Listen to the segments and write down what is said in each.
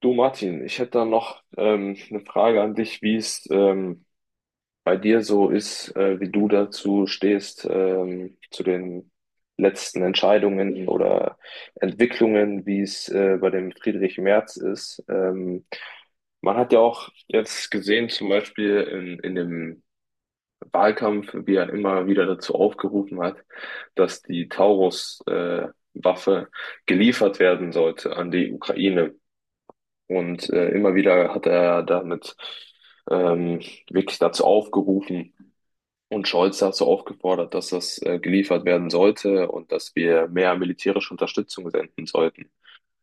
Du Martin, ich hätte da noch eine Frage an dich, wie es bei dir so ist, wie du dazu stehst, zu den letzten Entscheidungen oder Entwicklungen, wie es bei dem Friedrich Merz ist. Man hat ja auch jetzt gesehen, zum Beispiel in dem Wahlkampf, wie er immer wieder dazu aufgerufen hat, dass die Taurus, Waffe geliefert werden sollte an die Ukraine. Und immer wieder hat er damit ähm, wirklich dazu aufgerufen und Scholz dazu aufgefordert, dass das geliefert werden sollte und dass wir mehr militärische Unterstützung senden sollten.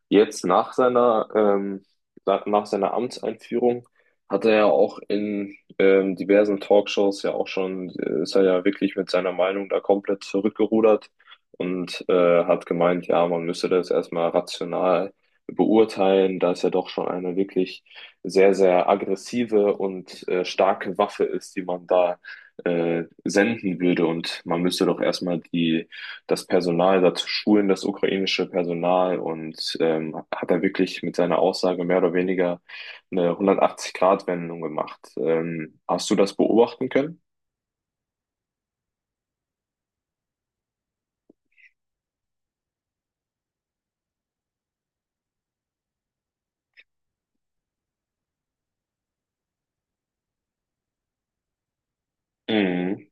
Jetzt nach seiner, nach seiner Amtseinführung hat er ja auch in diversen Talkshows ja auch schon, ist er ja wirklich mit seiner Meinung da komplett zurückgerudert und hat gemeint, ja, man müsse das erstmal rational beurteilen, da es ja doch schon eine wirklich sehr, sehr aggressive und starke Waffe ist, die man da senden würde und man müsste doch erstmal die das Personal dazu schulen, das ukrainische Personal, und hat er wirklich mit seiner Aussage mehr oder weniger eine 180-Grad-Wendung gemacht. Hast du das beobachten können? Mhm.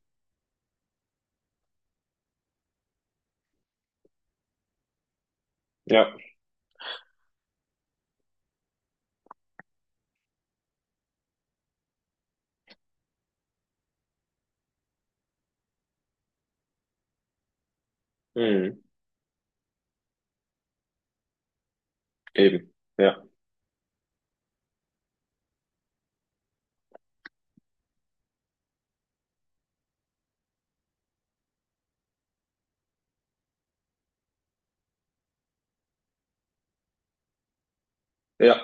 Ja, mhm. Eben. Ja. Ja.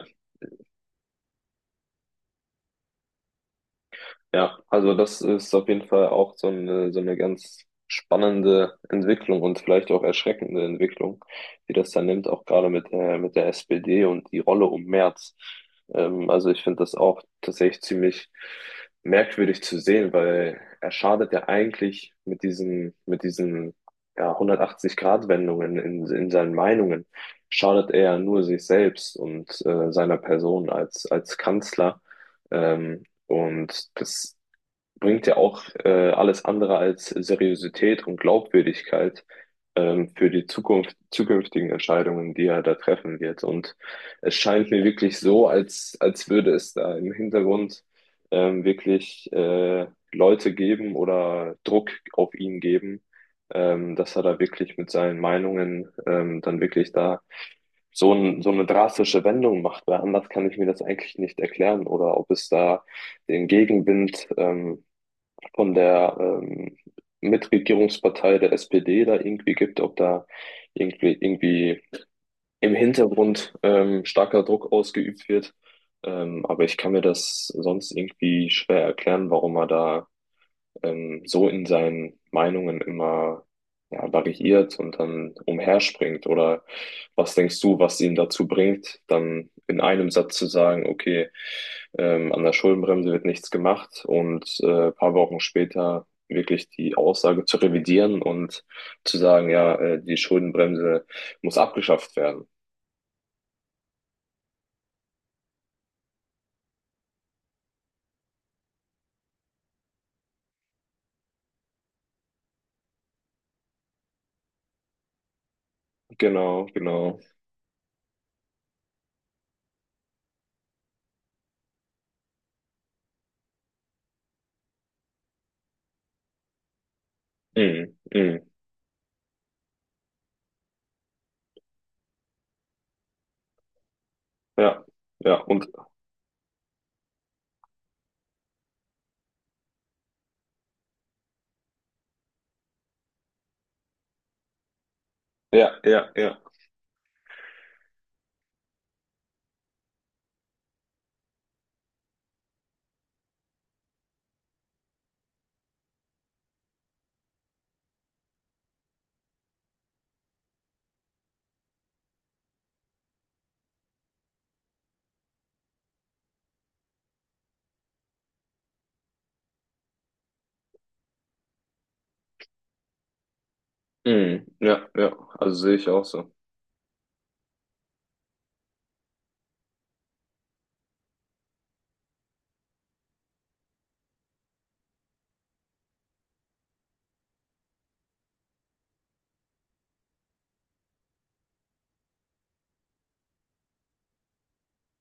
Ja, also das ist auf jeden Fall auch so eine ganz spannende Entwicklung und vielleicht auch erschreckende Entwicklung, die das dann nimmt, auch gerade mit der SPD und die Rolle um Merz. Also ich finde das auch tatsächlich ziemlich merkwürdig zu sehen, weil er schadet ja eigentlich mit diesen ja, 180-Grad-Wendungen in seinen Meinungen, schadet er ja nur sich selbst und seiner Person als, als Kanzler. Ähm, und das bringt ja auch alles andere als Seriosität und Glaubwürdigkeit für die Zukunft, zukünftigen Entscheidungen, die er da treffen wird. Und es scheint mir wirklich so, als, als würde es da im Hintergrund wirklich Leute geben oder Druck auf ihn geben, dass er da wirklich mit seinen Meinungen dann wirklich da so, ein, so eine drastische Wendung macht, weil anders kann ich mir das eigentlich nicht erklären, oder ob es da den Gegenwind von der Mitregierungspartei der SPD da irgendwie gibt, ob da irgendwie, irgendwie im Hintergrund starker Druck ausgeübt wird. Aber ich kann mir das sonst irgendwie schwer erklären, warum er da so in seinen Meinungen immer ja, variiert und dann umherspringt. Oder was denkst du, was ihn dazu bringt, dann in einem Satz zu sagen, okay, an der Schuldenbremse wird nichts gemacht, und ein paar Wochen später wirklich die Aussage zu revidieren und zu sagen, ja, die Schuldenbremse muss abgeschafft werden. Genau, genau. Mhm, mhm. Ja, ja, und ja, ja, ja. Mhm, ja, ja. Also sehe ich auch so.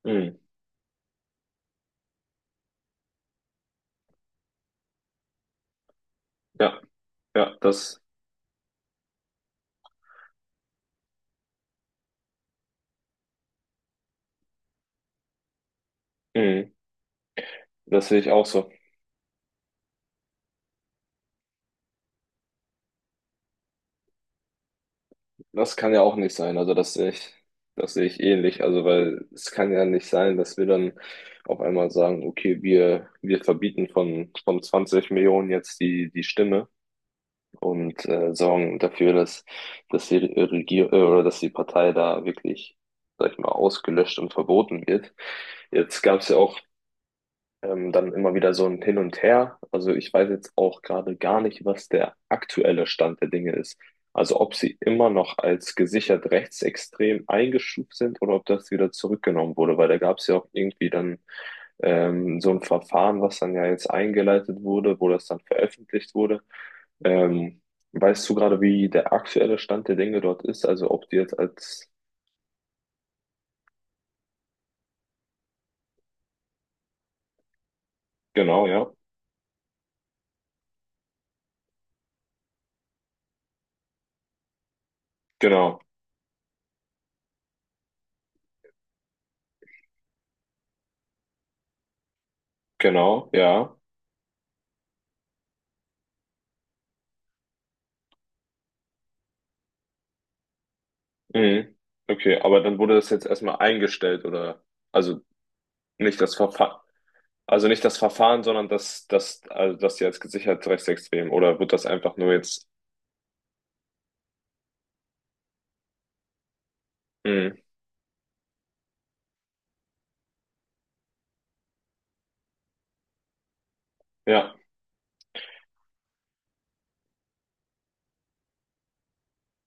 Mhm. Ja, ja, das, mhm, das sehe ich auch so. Das kann ja auch nicht sein. Also das sehe ich ähnlich. Also weil es kann ja nicht sein, dass wir dann auf einmal sagen, okay, wir verbieten von 20 Millionen jetzt die, die Stimme und sorgen dafür, dass, dass die Regierung oder dass die Partei da wirklich, sag ich mal, ausgelöscht und verboten wird. Jetzt gab es ja auch ähm, dann immer wieder so ein Hin und Her. Also ich weiß jetzt auch gerade gar nicht, was der aktuelle Stand der Dinge ist. Also ob sie immer noch als gesichert rechtsextrem eingestuft sind oder ob das wieder zurückgenommen wurde, weil da gab es ja auch irgendwie dann so ein Verfahren, was dann ja jetzt eingeleitet wurde, wo das dann veröffentlicht wurde. Ähm, weißt du gerade, wie der aktuelle Stand der Dinge dort ist? Also ob die jetzt als... Genau, ja. Genau, genau, ja. Mhm. Okay, aber dann wurde das jetzt erstmal eingestellt oder also nicht das Verfahren, also nicht das Verfahren, sondern das, das, also das jetzt gesichert rechtsextrem oder wird das einfach nur jetzt? Mhm. Ja,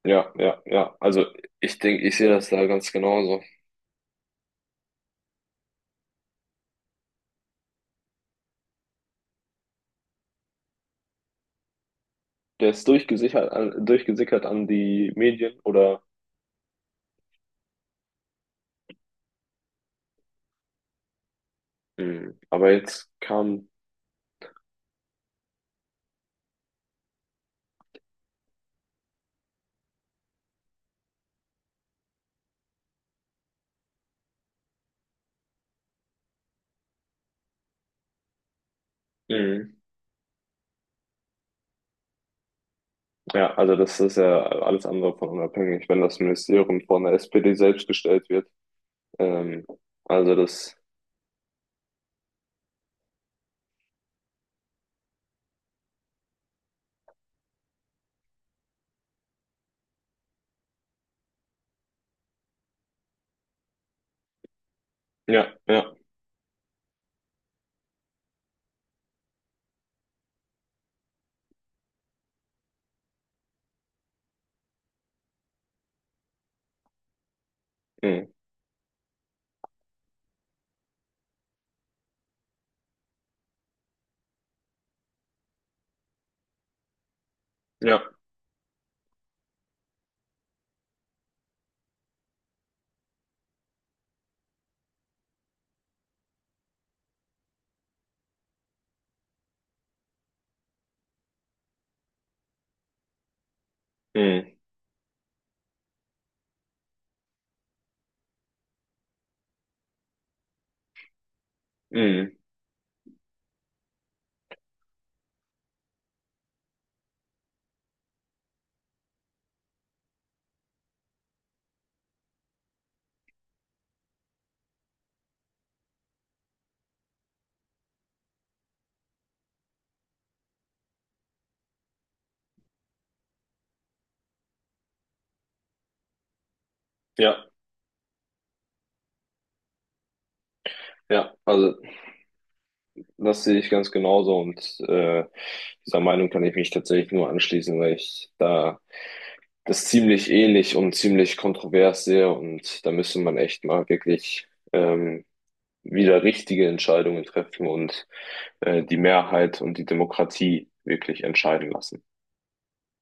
ja, ja, ja. Also ich denke, ich sehe das da ganz genauso. Der ist durchgesichert, an- durchgesickert an die Medien, oder? Mhm. Aber jetzt kam, mhm. Ja, also das ist ja alles andere von unabhängig, wenn das Ministerium von der SPD selbst gestellt wird. Ähm, also das. Ja, ja. Mhm. Ja. Mhm. Mhm. Ja. Ja. Also das sehe ich ganz genauso und äh, dieser Meinung kann ich mich tatsächlich nur anschließen, weil ich da das ziemlich ähnlich und ziemlich kontrovers sehe und da müsste man echt mal wirklich ähm, wieder richtige Entscheidungen treffen und die Mehrheit und die Demokratie wirklich entscheiden lassen.